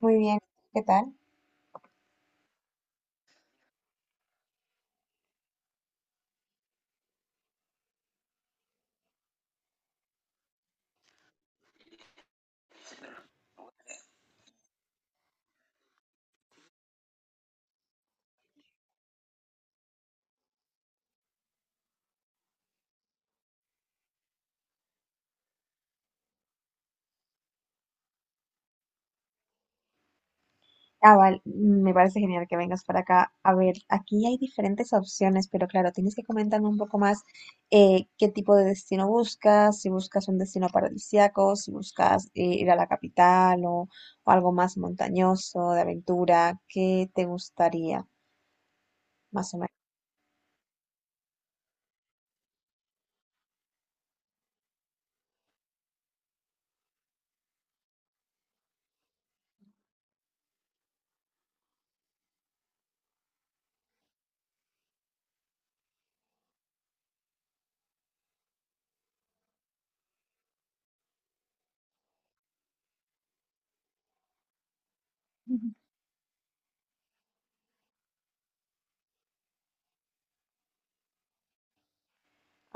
Muy bien, ¿qué tal? Ah, vale, me parece genial que vengas para acá. A ver, aquí hay diferentes opciones, pero claro, tienes que comentarme un poco más qué tipo de destino buscas, si buscas un destino paradisíaco, si buscas ir a la capital o algo más montañoso, de aventura, ¿qué te gustaría, más o menos?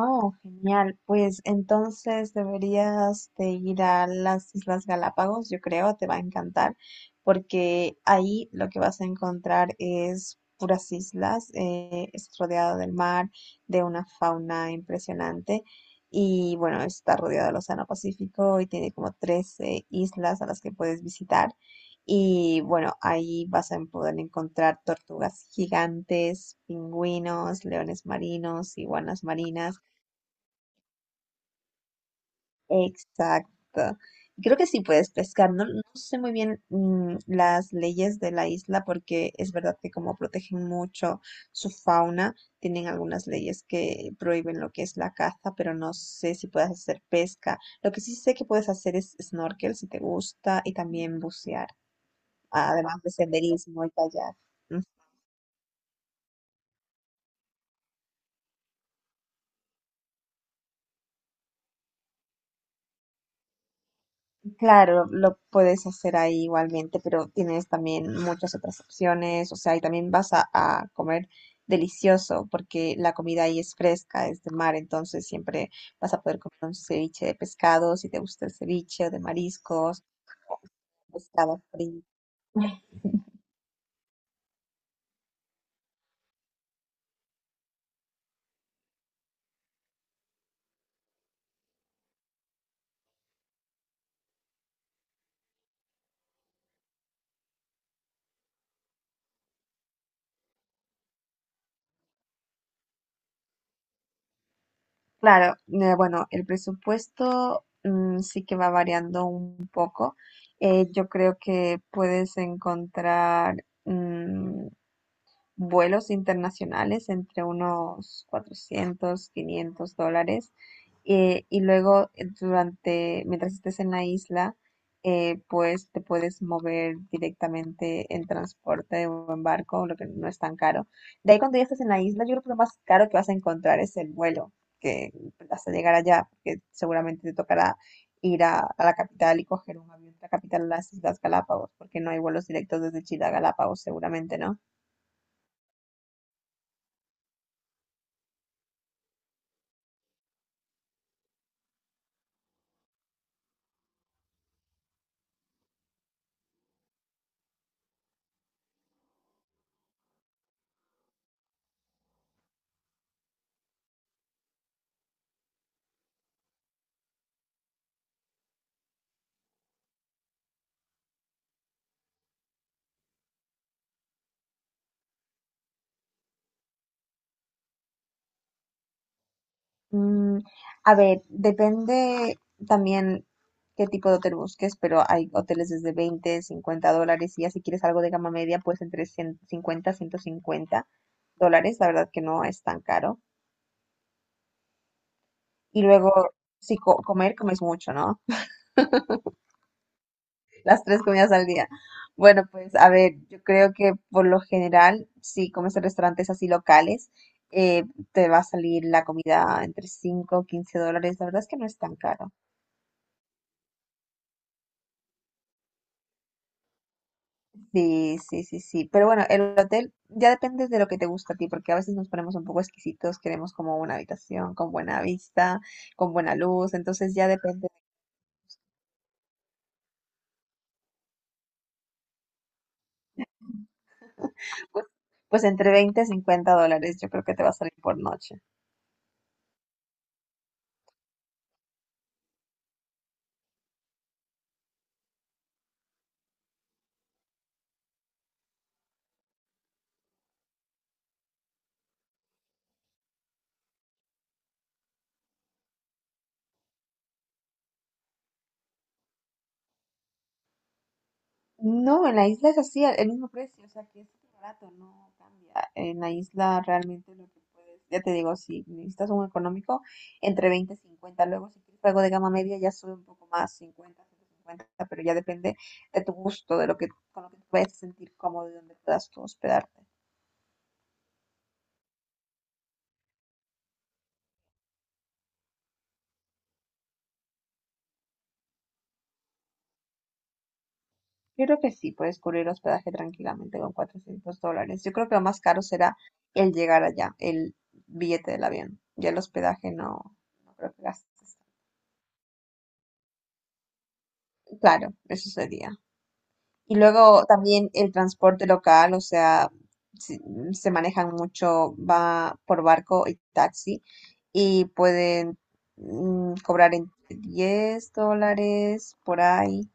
Oh, genial. Pues entonces deberías de ir a las Islas Galápagos, yo creo, te va a encantar, porque ahí lo que vas a encontrar es puras islas, es rodeado del mar, de una fauna impresionante y bueno, está rodeado del Océano Pacífico y tiene como 13 islas a las que puedes visitar. Y bueno, ahí vas a poder encontrar tortugas gigantes, pingüinos, leones marinos, iguanas marinas. Exacto. Creo que sí puedes pescar. No, no sé muy bien las leyes de la isla porque es verdad que como protegen mucho su fauna, tienen algunas leyes que prohíben lo que es la caza, pero no sé si puedes hacer pesca. Lo que sí sé que puedes hacer es snorkel si te gusta y también bucear, además de senderismo y kayak. Claro, lo puedes hacer ahí igualmente, pero tienes también muchas otras opciones, o sea, y también vas a comer delicioso, porque la comida ahí es fresca, es de mar, entonces siempre vas a poder comer un ceviche de pescado, si te gusta el ceviche, o de mariscos, o pescado frito. Claro, bueno, el presupuesto sí que va variando un poco. Yo creo que puedes encontrar, mm, vuelos internacionales entre unos $400-500. Y luego, durante, mientras estés en la isla, pues te puedes mover directamente en transporte o en barco, lo que no es tan caro. De ahí, cuando ya estás en la isla, yo creo que lo más caro que vas a encontrar es el vuelo, que hasta llegar allá, porque seguramente te tocará ir a la capital y coger un avión de la capital a las Islas Galápagos, porque no hay vuelos directos desde Chile a Galápagos, seguramente, ¿no? Mm, a ver, depende también qué tipo de hotel busques, pero hay hoteles desde $20-50 y ya si quieres algo de gama media, pues entre ciento cincuenta dólares. La verdad que no es tan caro. Y luego, si comer, comes mucho, ¿no? Las tres comidas al día. Bueno, pues a ver, yo creo que por lo general, si comes en restaurantes así locales, eh, te va a salir la comida entre 5, o 15 dólares. La verdad es que no es tan caro. Sí, sí, sí, sí. Pero bueno, el hotel ya depende de lo que te gusta a ti, porque a veces nos ponemos un poco exquisitos, queremos como una habitación con buena vista, con buena luz, entonces ya depende, pues, pues entre $20-50 yo creo que te va a salir por noche. No, en la isla es así, el mismo precio, o sea que es súper barato, no cambia. En la isla realmente lo que puedes, ya te digo, si necesitas un económico, entre 20 y 50. Luego, si quieres algo de gama media, ya sube un poco más, 50-150, pero ya depende de tu gusto, con lo que te puedes sentir cómodo y donde puedas tú hospedarte. Yo creo que sí, puedes cubrir hospedaje tranquilamente con $400. Yo creo que lo más caro será el llegar allá, el billete del avión. Ya el hospedaje no, no creo que gastes. Claro, eso sería. Y luego también el transporte local, o sea, si- se manejan mucho, va por barco y taxi y pueden cobrar entre $10 por ahí.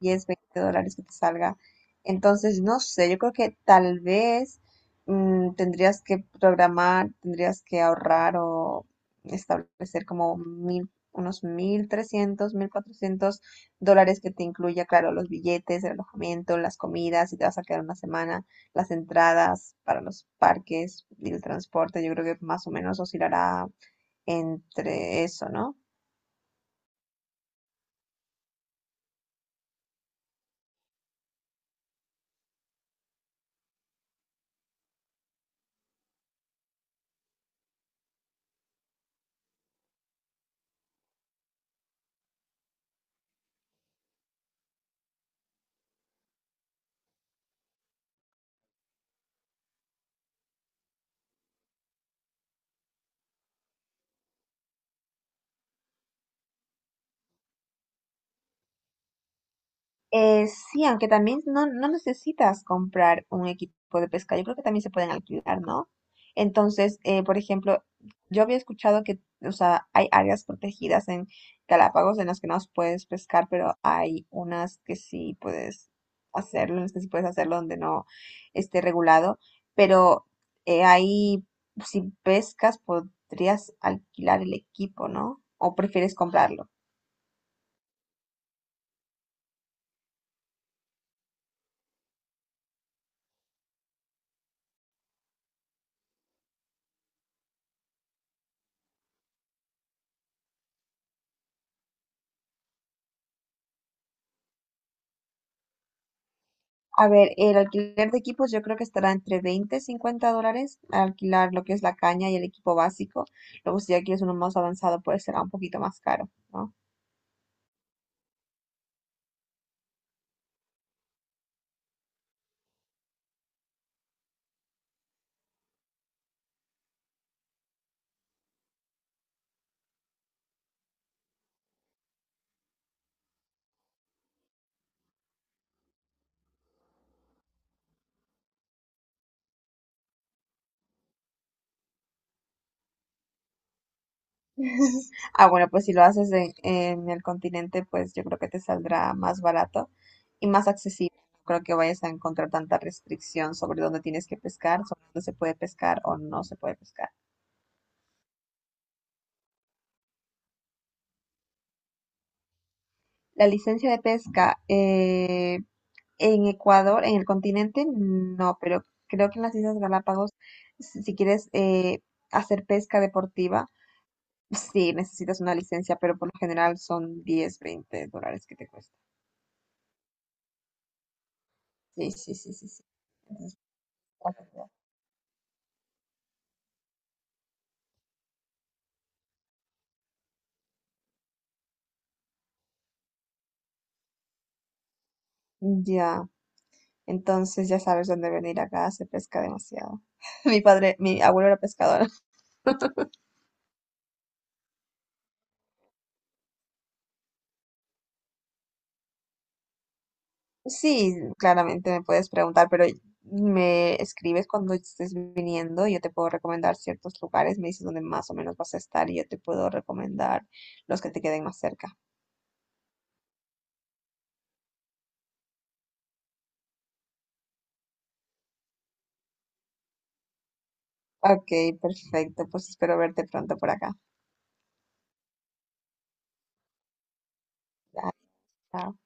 10, 20 dólares que te salga. Entonces, no sé, yo creo que tal vez tendrías que programar, tendrías que ahorrar o establecer como unos $1,300-1,400 que te incluya, claro, los billetes, el alojamiento, las comidas, si te vas a quedar una semana, las entradas para los parques y el transporte, yo creo que más o menos oscilará entre eso, ¿no? Sí, aunque también no, no necesitas comprar un equipo de pesca, yo creo que también se pueden alquilar, ¿no? Entonces, por ejemplo, yo había escuchado que, o sea, hay áreas protegidas en Galápagos en las que no puedes pescar, pero hay unas que sí puedes hacerlo, en las que sí puedes hacerlo donde no esté regulado, pero ahí, si pescas, podrías alquilar el equipo, ¿no? ¿O prefieres comprarlo? A ver, el alquiler de equipos yo creo que estará entre $20-50 alquilar lo que es la caña y el equipo básico. Luego, si ya quieres uno más avanzado, pues será un poquito más caro, ¿no? Ah, bueno, pues si lo haces en el continente, pues yo creo que te saldrá más barato y más accesible. No creo que vayas a encontrar tanta restricción sobre dónde tienes que pescar, sobre dónde se puede pescar o no se puede pescar. La licencia de pesca, en Ecuador, en el continente, no, pero creo que en las Islas Galápagos, si quieres hacer pesca deportiva, sí, necesitas una licencia, pero por lo general son $10-20 que te cuesta. Sí, sí, sí, sí, sí. Entonces, ya, entonces ya sabes dónde venir acá, se pesca demasiado. Mi padre, mi abuelo era pescador. Sí, claramente me puedes preguntar, pero me escribes cuando estés viniendo y yo te puedo recomendar ciertos lugares, me dices dónde más o menos vas a estar y yo te puedo recomendar los que te queden más cerca. Ok, perfecto, pues espero verte pronto por acá. Dale, chao.